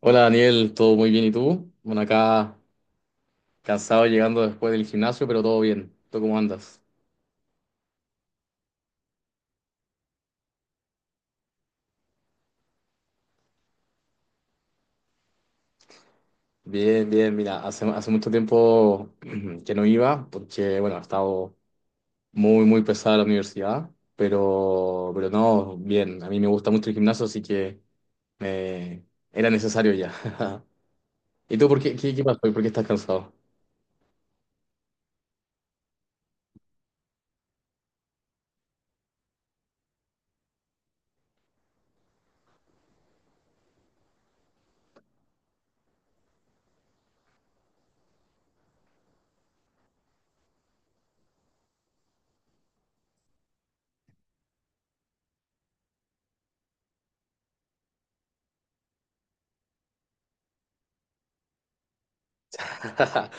Hola Daniel, todo muy bien, ¿y tú? Bueno, acá cansado llegando después del gimnasio, pero todo bien. ¿Tú cómo andas? Bien, bien, mira, hace mucho tiempo que no iba porque, bueno, ha estado muy, muy pesada la universidad, pero no, bien, a mí me gusta mucho el gimnasio, así que eh, era necesario ya. ¿Y tú por qué, qué, qué pasó? ¿Por qué estás cansado?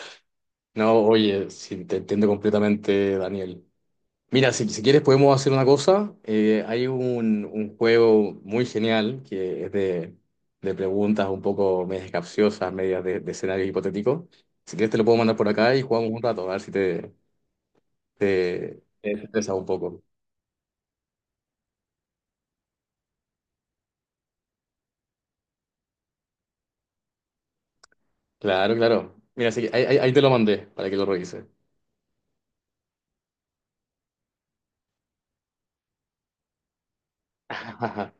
No, oye, sí, te entiendo completamente, Daniel. Mira, si quieres podemos hacer una cosa. Hay un juego muy genial que es de preguntas un poco medias capciosas, medias de escenarios hipotéticos. Si quieres te lo puedo mandar por acá y jugamos un rato, a ver si te, te estresas un poco. Claro, claro. Mira, así que ahí, ahí te lo mandé para que lo revises.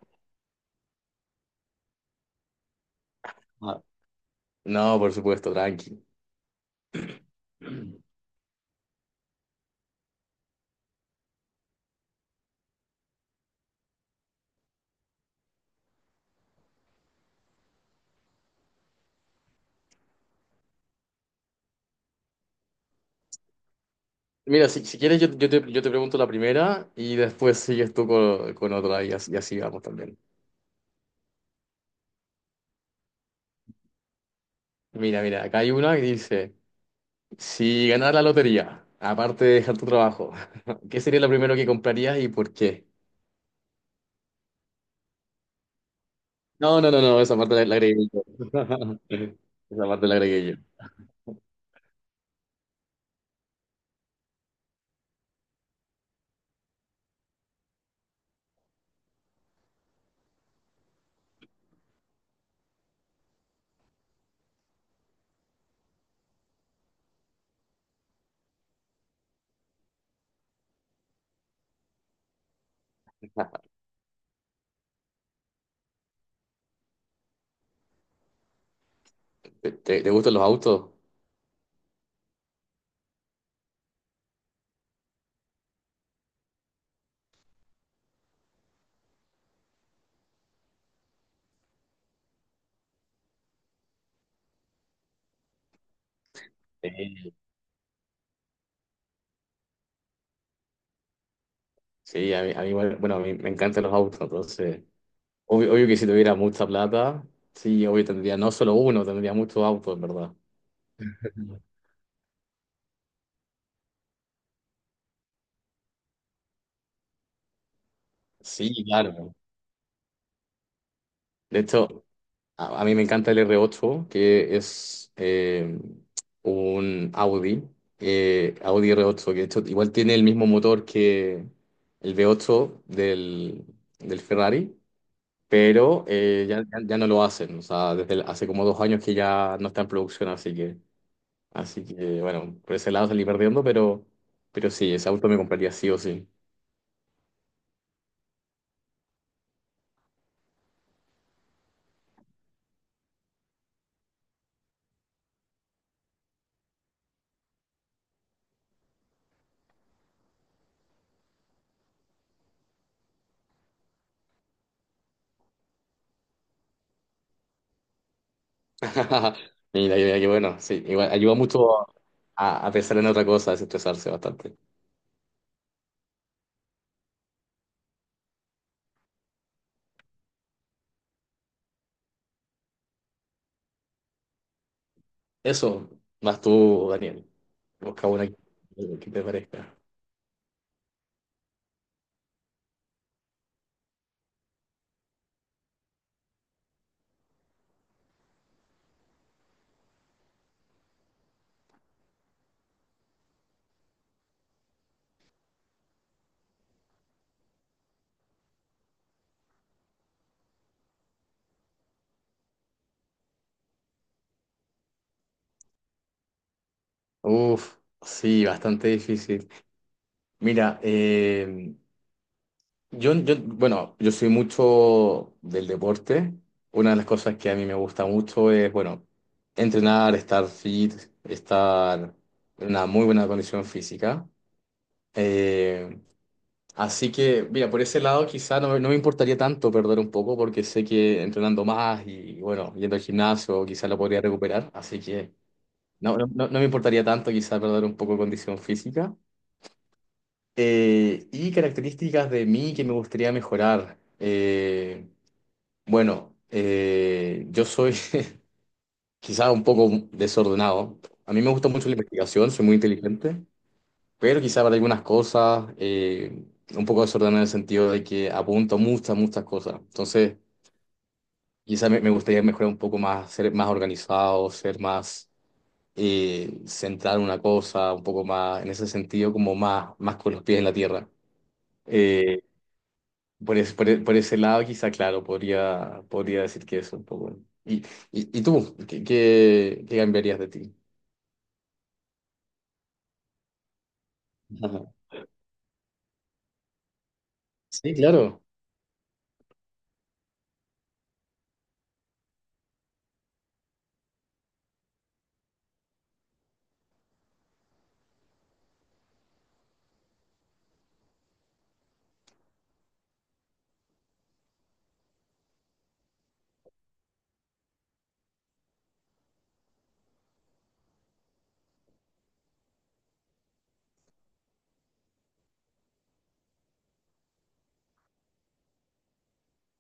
No, por supuesto, tranqui. Mira, si quieres yo, yo te pregunto la primera y después sigues tú con otra y así vamos también. Mira, mira, acá hay una que dice... Si ganaras la lotería, aparte de dejar tu trabajo, ¿qué sería lo primero que comprarías y por qué? No, no, no, no, esa parte la agregué yo. Esa parte la agregué yo. ¿Te, te gustan los autos? Sí. Sí, a mí igual, bueno, a mí me encantan los autos, entonces, obvio, obvio que si tuviera mucha plata, sí, obvio tendría no solo uno, tendría muchos autos, en verdad. Sí, claro. De hecho, a mí me encanta el R8, que es un Audi, Audi R8, que de hecho igual tiene el mismo motor que el V8 del, del Ferrari, pero ya, ya no lo hacen. O sea, hace como 2 años que ya no está en producción, así que bueno, por ese lado salí perdiendo, pero sí, ese auto me compraría sí o sí. Mira, mira, que bueno, sí, igual ayuda mucho a pensar en otra cosa, a desestresarse bastante. Eso, más tú, Daniel. Busca una que te parezca. Uf, sí, bastante difícil. Mira, yo, yo, bueno, yo soy mucho del deporte. Una de las cosas que a mí me gusta mucho es, bueno, entrenar, estar fit, estar en una muy buena condición física. Eh, Así que, mira, por ese lado quizá no, me no me importaría tanto perder un poco porque sé que entrenando más y, bueno, yendo al gimnasio quizá lo podría recuperar. Así que no, no, no me importaría tanto quizá perder un poco de condición física. Y características de mí que me gustaría mejorar. Bueno, yo soy quizá un poco desordenado. A mí me gusta mucho la investigación, soy muy inteligente. Pero quizá para algunas cosas, un poco desordenado en el sentido de que apunto muchas, muchas cosas. Entonces, quizá me, me gustaría mejorar un poco más, ser más organizado, ser más centrado en una cosa, un poco más, en ese sentido, como más, más con los pies en la tierra. Eh, por, es- por, e- por ese lado, quizá, claro, podría, podría decir que eso un poco. ¿Y, y tú? ¿Qué, qué, qué cambiarías de ti? Ajá. Sí, claro.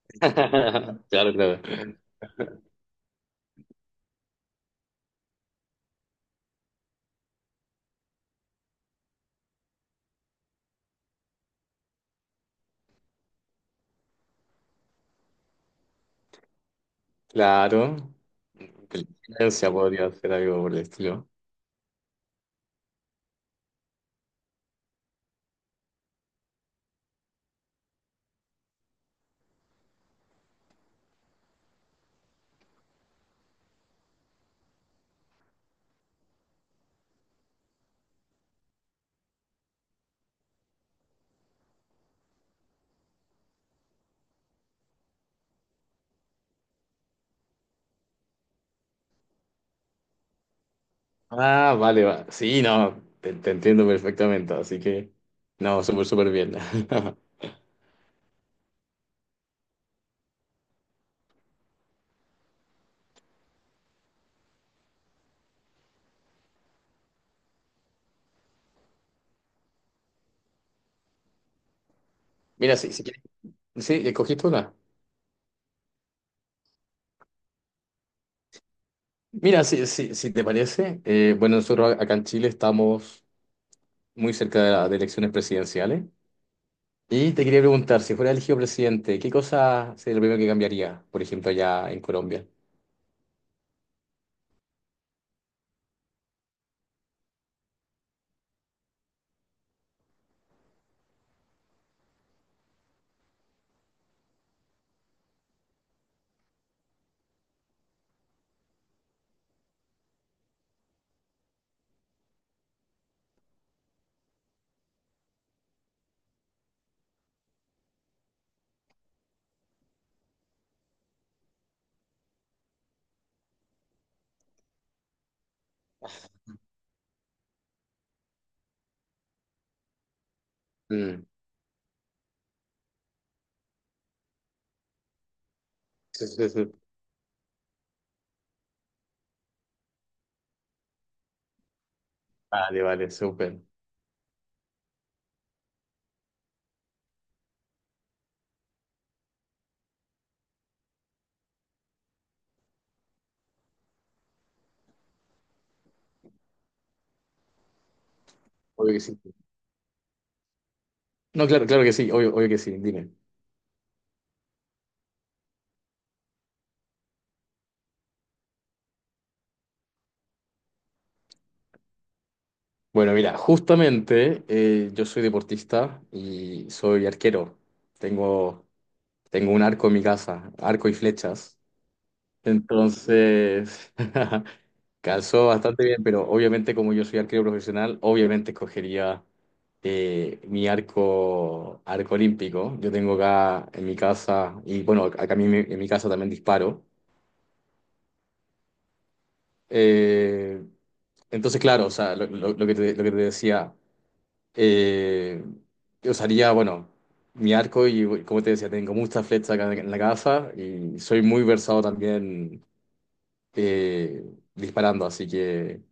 Claro, claro. Claro. Inteligencia podría ser algo por el estilo. Ah, vale, va. Sí, no, te entiendo perfectamente, así que no, súper, súper bien. Mira, sí, si quieres, sí, escogiste una. Mira, si te parece, bueno, nosotros acá en Chile estamos muy cerca de, de elecciones presidenciales y te quería preguntar, si fuera elegido presidente, ¿qué cosa sería lo primero que cambiaría, por ejemplo, allá en Colombia? Mm, sí, sí, sí. Vale, vale, súper. Obvio que sí. No, claro, claro que sí, obvio, obvio que sí, dime. Bueno, mira, justamente yo soy deportista y soy arquero. Tengo, tengo un arco en mi casa, arco y flechas. Entonces, calzó bastante bien, pero obviamente como yo soy arquero profesional, obviamente escogería mi arco, arco olímpico. Yo tengo acá en mi casa, y bueno, acá en mi casa también disparo. Eh, entonces, claro, o sea, lo, lo que te decía. Eh, Usaría, bueno, mi arco y, como te decía, tengo muchas flechas acá en la gafa y soy muy versado también eh, disparando,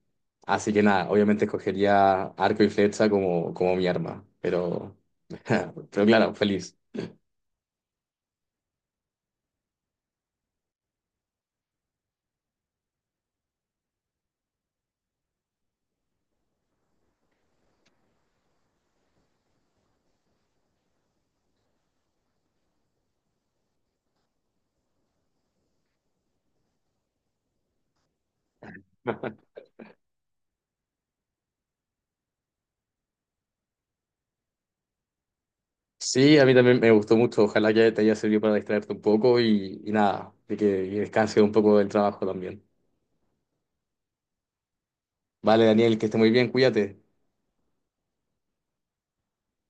así que nada, obviamente escogería arco y flecha como, como mi arma, pero, pero claro, feliz. Sí, a mí también me gustó mucho, ojalá que te haya servido para distraerte un poco y nada, de que descanses un poco del trabajo también. Vale, Daniel, que esté muy bien, cuídate.